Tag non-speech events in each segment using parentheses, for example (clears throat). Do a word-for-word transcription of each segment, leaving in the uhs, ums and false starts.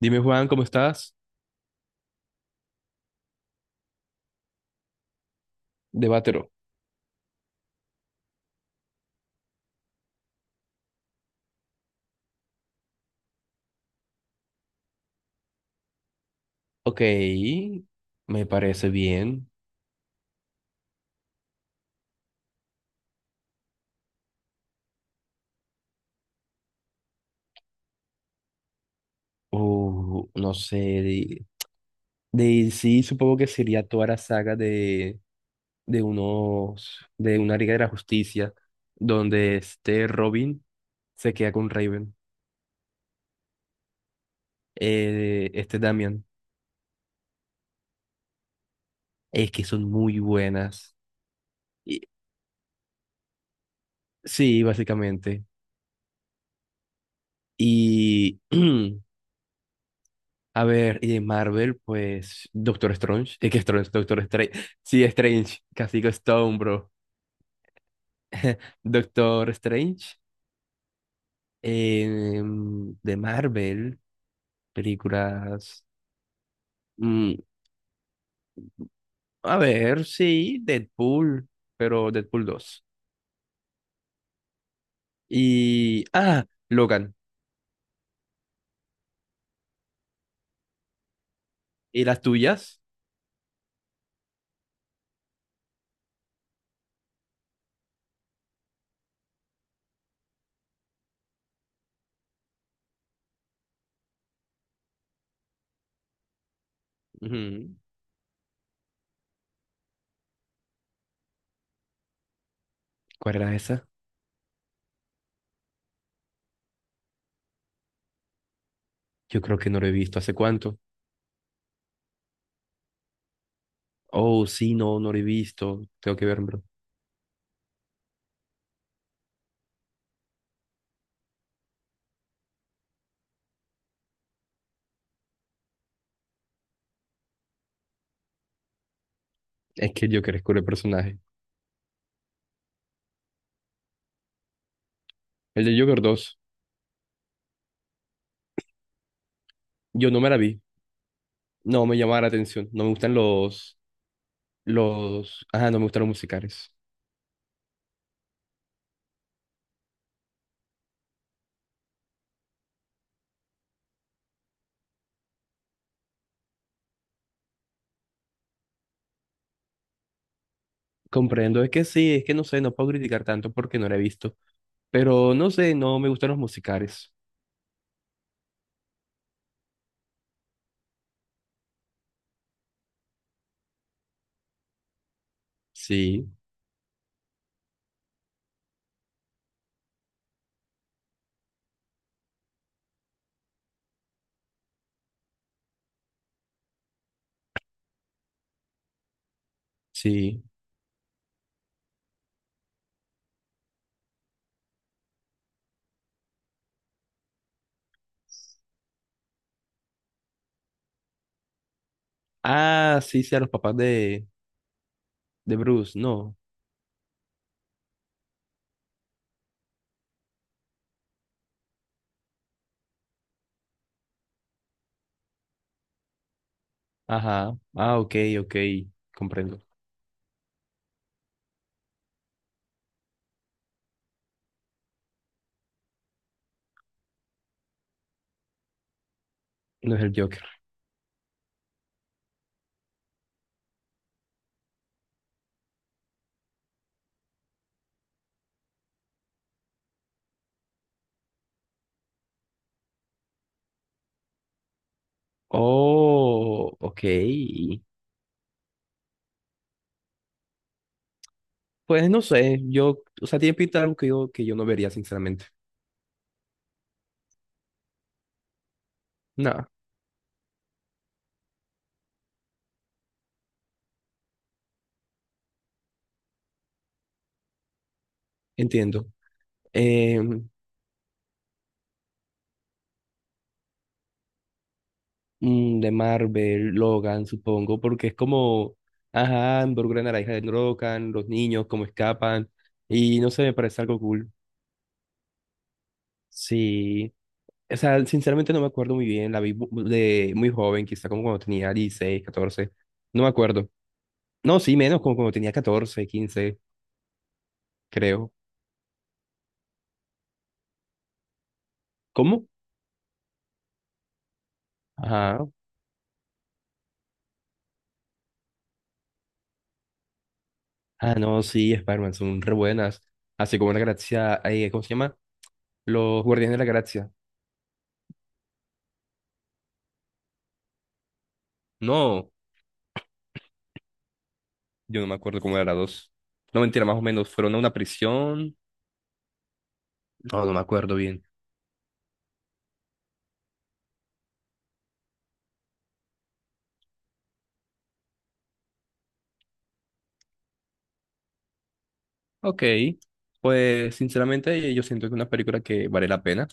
Dime, Juan, ¿cómo estás? Debátelo. Ok, me parece bien. Uh, no sé. De, de- sí, supongo que sería toda la saga de, de unos. De una Liga de la Justicia, donde este Robin se queda con Raven. Eh, este Damian. Es que son muy buenas. Y- sí, básicamente. Y. (clears throat) A ver, y de Marvel, pues Doctor Strange, y qué Strange, Doctor Strange, sí, Strange, Casi Castigo Stone, bro. Doctor Strange, eh, de Marvel, películas, mm, a ver, sí, Deadpool, pero Deadpool dos. Y, ah, Logan. ¿Y las tuyas? Ujú. ¿Cuál era esa? Yo creo que no lo he visto, ¿hace cuánto? Oh, sí, no, no lo he visto, tengo que ver, bro. Es que Joker es cool el personaje. El de Joker dos yo no me la vi. No me llamaba la atención. No me gustan los, los, ajá, no me gustan los musicales. Comprendo, es que sí, es que no sé, no puedo criticar tanto porque no la he visto. Pero no sé, no me gustan los musicales. Sí, sí. Ah, sí, sí, a los papás de, de Bruce, no. Ajá. Ah, ok, ok. Comprendo. No es el Joker. Oh, ok. Pues no sé, yo, o sea, tiene pinta de algo que yo, que yo no vería, sinceramente. Nada, entiendo. Eh, mm, de Marvel, Logan, supongo, porque es como, ajá, involucra a naranja de Logan, los niños, cómo escapan, y no sé, me parece algo cool. Sí, o sea, sinceramente no me acuerdo muy bien, la vi bu- de muy joven, quizá como cuando tenía dieciséis catorce, no me acuerdo. No, sí, menos como cuando tenía catorce quince, creo. ¿Cómo? Ajá. Ah, no, sí, Spider-Man son re buenas, así como la galaxia, eh, ¿cómo se llama? Los Guardianes de la Galaxia. No. Yo no me acuerdo cómo era la dos. No, mentira, más o menos. Fueron a una prisión. No, no me acuerdo bien. Ok. Pues, sinceramente, yo siento que es una película que vale la pena.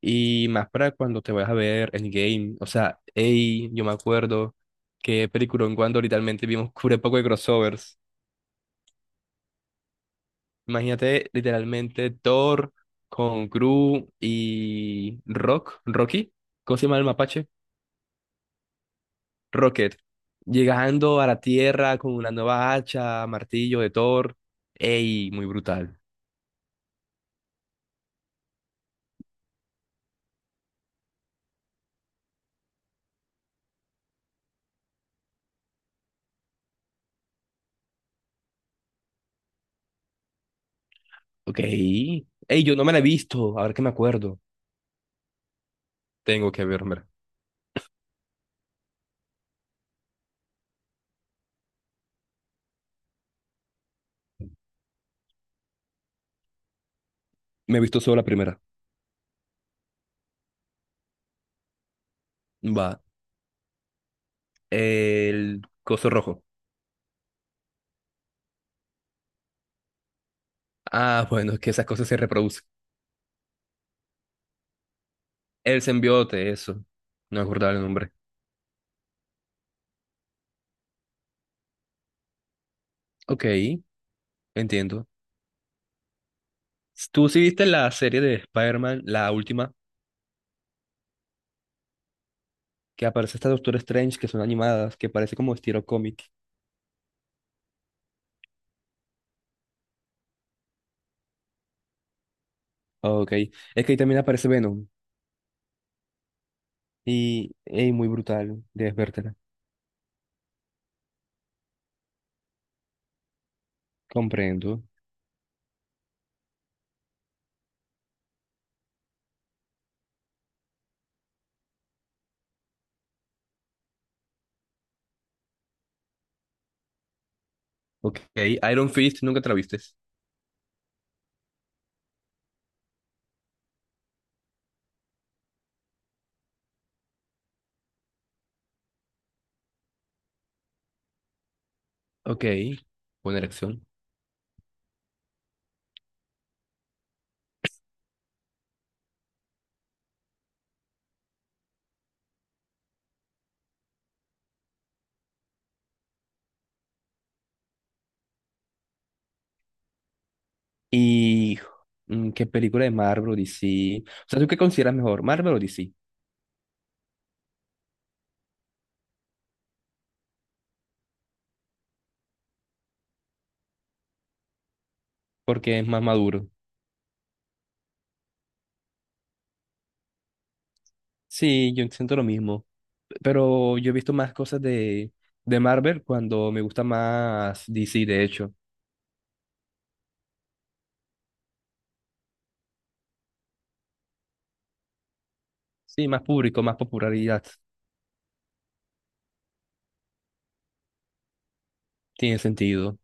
Y más para cuando te vayas a ver Endgame. O sea, hey, yo me acuerdo que película en cuando literalmente vimos (laughs) un poco de crossovers. Imagínate, literalmente, Thor con Gru y Rock, Rocky. ¿Cómo se llama el mapache? Rocket llegando a la Tierra con una nueva hacha, martillo de Thor. Ey, muy brutal. Ok. Ey, yo no me la he visto, a ver qué me acuerdo. Tengo que verme. Me he visto solo la primera. Va. El coso rojo. Ah, bueno, es que esas cosas se reproducen. El simbionte, eso. No me acordaba el nombre. Ok, entiendo. ¿Tú sí viste la serie de Spider-Man, la última, que aparece esta Doctor Strange, que son animadas, que parece como estilo cómic? Ok. Es que ahí también aparece Venom. Y, ey, muy brutal, debes vértela. Comprendo. Ok, Iron Fist, nunca te la vistes. Ok. Buena elección. ¿Y mm, qué película de Marvel o D C? O sea, ¿tú qué consideras mejor, Marvel o D C? Porque es más maduro. Sí, yo siento lo mismo. Pero yo he visto más cosas de, de Marvel cuando me gusta más D C, de hecho. Sí, más público, más popularidad. Tiene sentido.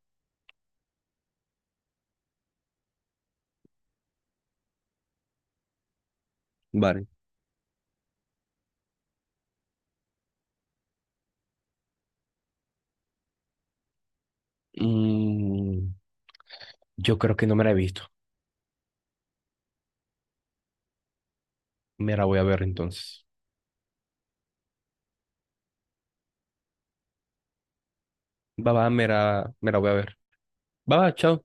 Vale. Mm, yo creo que no me la he visto. Me la voy a ver entonces. Va, va, me la, me la voy a ver. Va, va, chao.